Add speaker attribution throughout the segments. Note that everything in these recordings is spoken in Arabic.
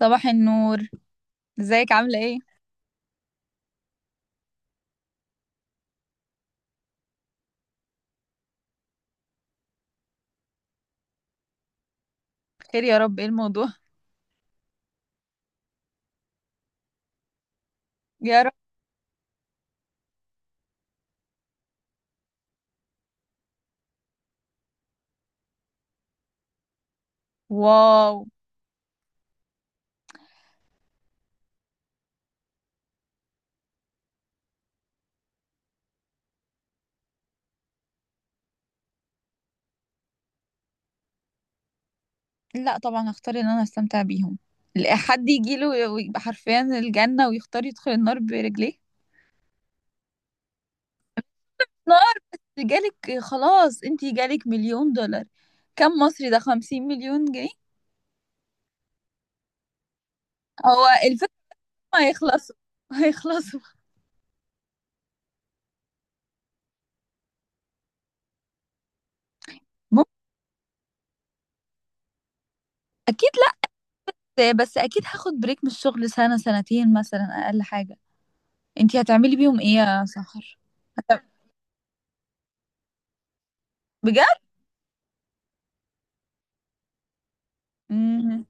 Speaker 1: صباح النور. ازيك، عاملة ايه؟ خير يا رب، ايه الموضوع؟ يا رب. واو. لا، طبعا هختار ان انا استمتع بيهم. لا حد يجيله ويبقى حرفيا الجنة ويختار يدخل النار برجليه. نار. جالك خلاص، انتي جالك مليون دولار. كم مصري؟ ده 50 مليون جنيه. هو الفكرة، ما هيخلصوا. هيخلصوا. مم- اكيد. لا، بس اكيد هاخد بريك من الشغل سنة، سنتين مثلا، اقل حاجة. انتي هتعملي بيهم ايه يا سحر؟ هت- بجد؟ مم.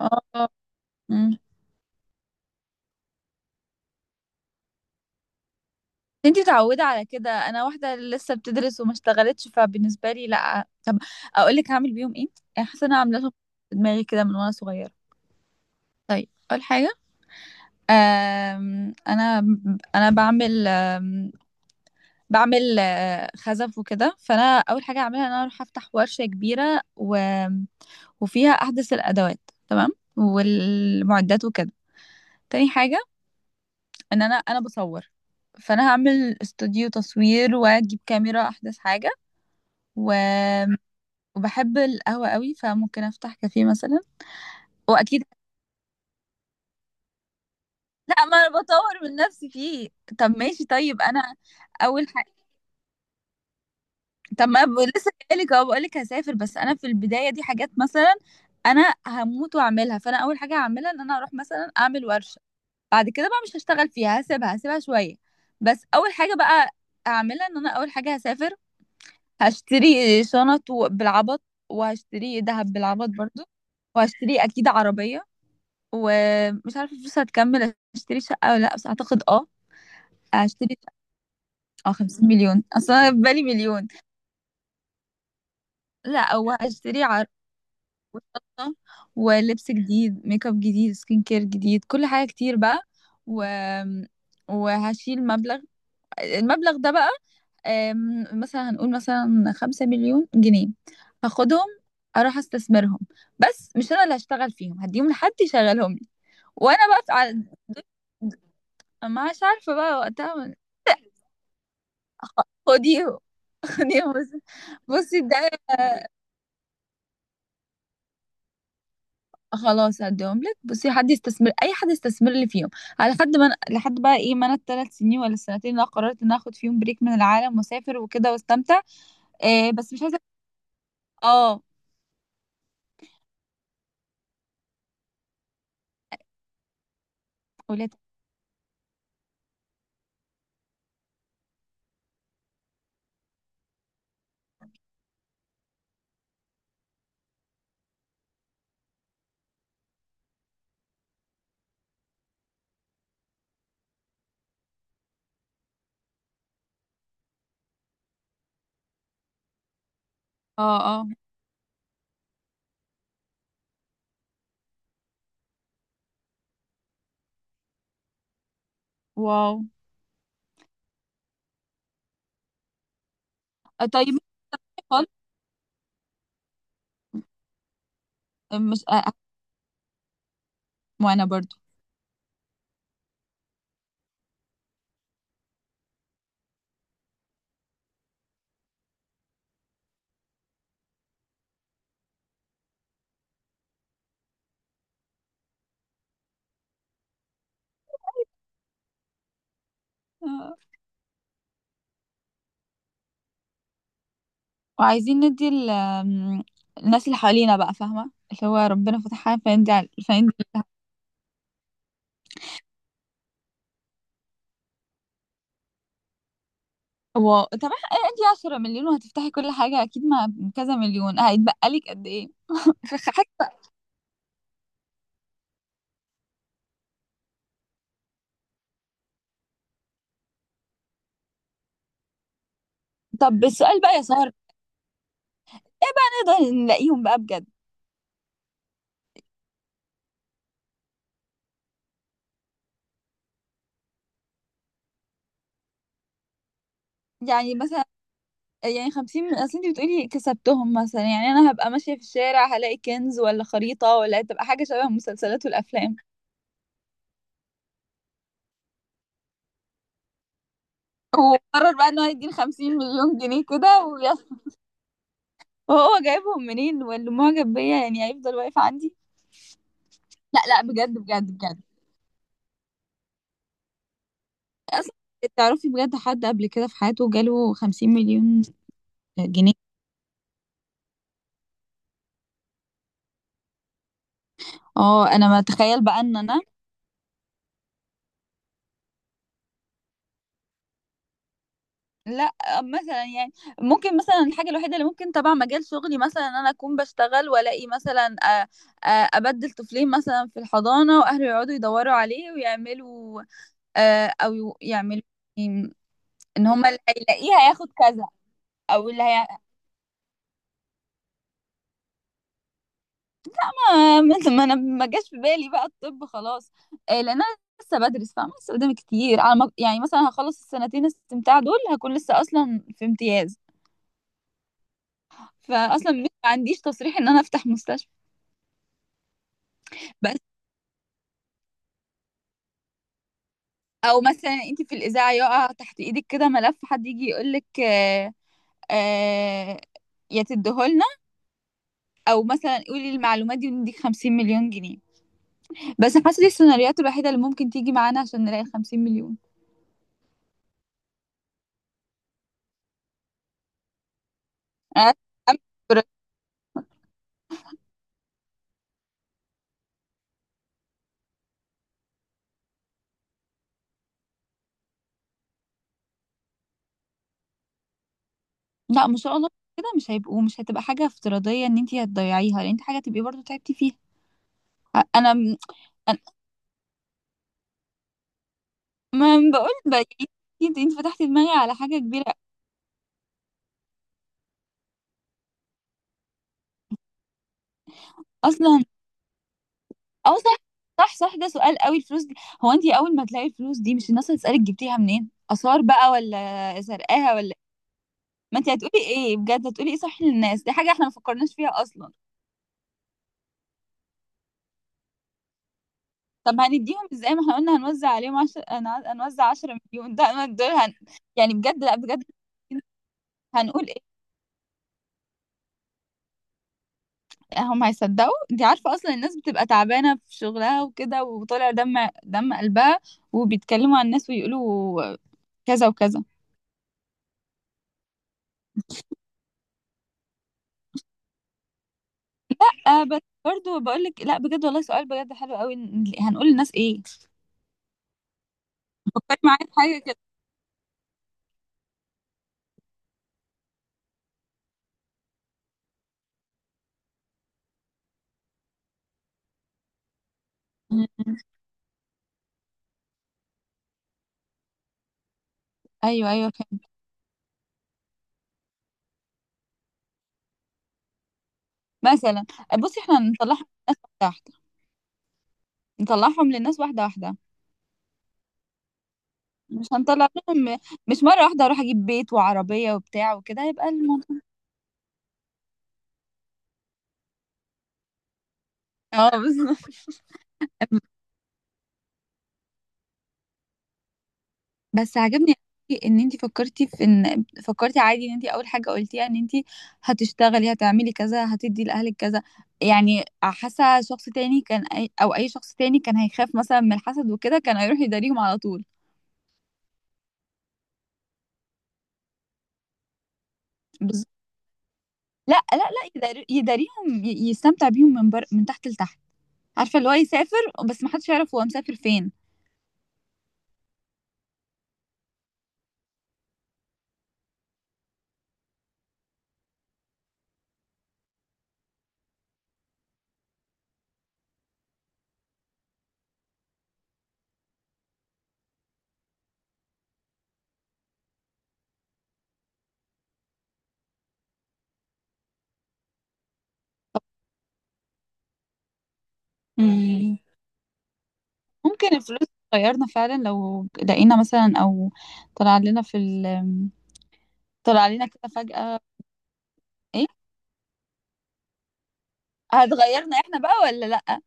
Speaker 1: اه. انتي متعودة على كده. انا واحدة لسه بتدرس وما اشتغلتش، فبالنسبة لي لا. طب اقول لك هعمل بيهم ايه. يعني حاسة انا عاملاهم في دماغي كده من وانا صغيرة. طيب، اول حاجة، آم، انا انا بعمل بعمل خزف وكده. فانا اول حاجة هعملها ان انا اروح افتح ورشة كبيرة وفيها احدث الادوات. تمام. والمعدات وكده. تاني حاجة، ان انا بصور. فانا هعمل استوديو تصوير واجيب كاميرا احدث حاجة. و وبحب القهوة قوي، فممكن افتح كافيه مثلا. واكيد. لا، ما انا بطور من نفسي فيه. طب ماشي. طيب انا اول حاجة. طب ما لسه جايلك اهو. بقولك هسافر، بس انا في البداية دي حاجات مثلا انا هموت واعملها، فانا اول حاجة هعملها ان انا اروح مثلا اعمل ورشة. بعد كده بقى مش هشتغل فيها، هسيبها شوية. بس اول حاجة بقى هعملها ان انا، اول حاجة، هسافر. هشتري شنط بالعبط. وهشتري دهب بالعبط برضو. وهشتري اكيد عربية. ومش عارفه الفلوس هتكمل اشتري شقه ولا لا، بس اعتقد اه هشتري شقة. اه، 50 مليون. اصل انا في بالي مليون. لا، او هشتري عرض وشنطة ولبس جديد، ميك اب جديد، سكين كير جديد، كل حاجه كتير بقى. و وهشيل مبلغ. المبلغ ده بقى، مثلا هنقول مثلا 5 مليون جنيه. هاخدهم، اروح استثمرهم، بس مش انا اللي هشتغل فيهم. هديهم لحد يشغلهم لي وانا بقى على، ما مش عارفة بقى وقتها. خ- خديهم، خديهم بس. بصي ده، خلاص هديهم لك. بصي، حد يستثمر، اي حد يستثمر لي فيهم، على حد ما لحد بقى ايه، ما انا الثلاث سنين ولا السنتين اللي أنا قررت ان أنا اخد فيهم بريك من العالم واسافر وكده واستمتع. إيه، بس مش عايزه. اه. ولاد. اه، اه. واو. طيب خالص. مش وانا برضو آه. وعايزين ندي الناس اللي حوالينا بقى، فاهمه، اللي هو ربنا فتحها، فندي فندي طب ادي 10 مليون وهتفتحي كل حاجة، اكيد مع كذا مليون هيتبقى لك قد ايه في حاجة بقى. طب السؤال بقى يا سهر، ايه بقى نقدر نلاقيهم بقى بجد؟ يعني مثلا، يعني 50، اصل انت بتقولي كسبتهم مثلا، يعني انا هبقى ماشية في الشارع هلاقي كنز ولا خريطة، ولا تبقى حاجة شبه المسلسلات والافلام وقرر بقى ان هو يديني 50 مليون جنيه كده ويس. وهو جايبهم منين؟ واللي معجب بيا يعني هيفضل واقف عندي؟ لا لا، بجد بجد بجد. تعرفي، بجد، حد قبل كده في حياته جاله 50 مليون جنيه؟ اه، انا ما اتخيل بقى ان انا. لا، مثلا يعني، ممكن مثلا الحاجه الوحيده اللي ممكن تبع مجال شغلي مثلا ان انا اكون بشتغل والاقي مثلا ابدل طفلين مثلا في الحضانه واهله يقعدوا يدوروا عليه ويعملوا او يعملوا إيه، ان هما اللي هيلاقيه هياخد كذا. او اللي هي، ما انا ما جاش في بالي بقى الطب خلاص. لان انا لسه بدرس، فاهمه، لسه قدامي كتير على ما يعني مثلا هخلص السنتين استمتاع دول هكون لسه اصلا في امتياز، فاصلا مش ما عنديش تصريح ان انا افتح مستشفى. بس او مثلا انت في الاذاعه يقع تحت ايدك كده ملف، حد يجي يقول لك آه، يا تديهولنا، او مثلا قولي المعلومات دي ونديك 50 مليون جنيه. بس حاسه دي السيناريوهات الوحيده اللي ممكن تيجي معانا عشان نلاقي 50 مليون. أنا أم- لا، ما شاء الله. كده مش هيبقوا، مش هتبقى حاجه افتراضيه ان انت هتضيعيها لان انت حاجه تبقي برضو تعبتي فيها. انا أنا- ما بقول بقى. انت فتحتي دماغي على حاجه كبيره اصلا. اه، صح. صح صح، ده سؤال قوي، الفلوس دي. هو انت اول ما تلاقي الفلوس دي، مش الناس هتسألك جبتيها منين؟ اثار بقى ولا سرقاها ولا؟ ما انت هتقولي ايه بجد، هتقولي ايه؟ صح، للناس دي حاجة احنا ما فكرناش فيها اصلا. طب هنديهم ازاي ما احنا قلنا هنوزع عليهم عشر، هنوزع 10 مليون، ده أنا دول يعني بجد، لا بجد هنقول ايه؟ هم هيصدقوا؟ انت عارفة اصلا الناس بتبقى تعبانة في شغلها وكده وطالع دم دم قلبها، وبيتكلموا عن الناس ويقولوا كذا وكذا. أه بس برضه بقول لك، لا بجد، والله سؤال بجد حلو قوي. هنقول للناس ايه؟ فكري معايا في حاجه كده. م- م. ايوه، ايوه، فهمت. مثلا، بصي احنا نطلعهم للناس واحده واحده، نطلعهم للناس واحده واحده. مش هنطلع لهم مش مره واحده اروح اجيب بيت وعربيه وبتاع وكده، هيبقى الموضوع. اه، بالظبط. بس عجبني أوي ان انت فكرتي في ان فكرتي عادي ان انت اول حاجه قلتيها ان انت هتشتغلي، هتعملي كذا، هتدي لاهلك كذا. يعني حاسه شخص تاني كان او اي شخص تاني كان هيخاف مثلا من الحسد وكده، كان هيروح يداريهم على طول. بز... لا لا لا، يداريهم يستمتع بيهم من من تحت لتحت. عارفه، اللي هو يسافر، بس ما حدش يعرف هو مسافر فين. مم. ممكن الفلوس تغيرنا فعلا لو لقينا مثلا، او طلع لنا في طلع لنا كده فجأة. ايه، هتغيرنا احنا بقى ولا لا؟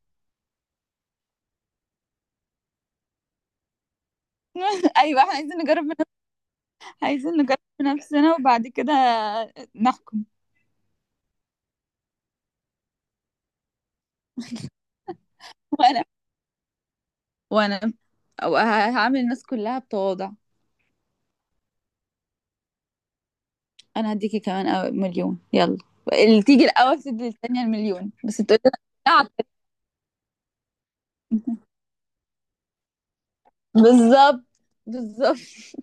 Speaker 1: ايوه، احنا عايزين نجرب عايزين نجرب بنفسنا وبعد كده نحكم. وانا وانا أو هعامل الناس كلها بتواضع. انا هديكي كمان أو مليون. يلا، اللي تيجي الاول تدي الثانيه المليون، بس تقولي لا. بالظبط. بالظبط.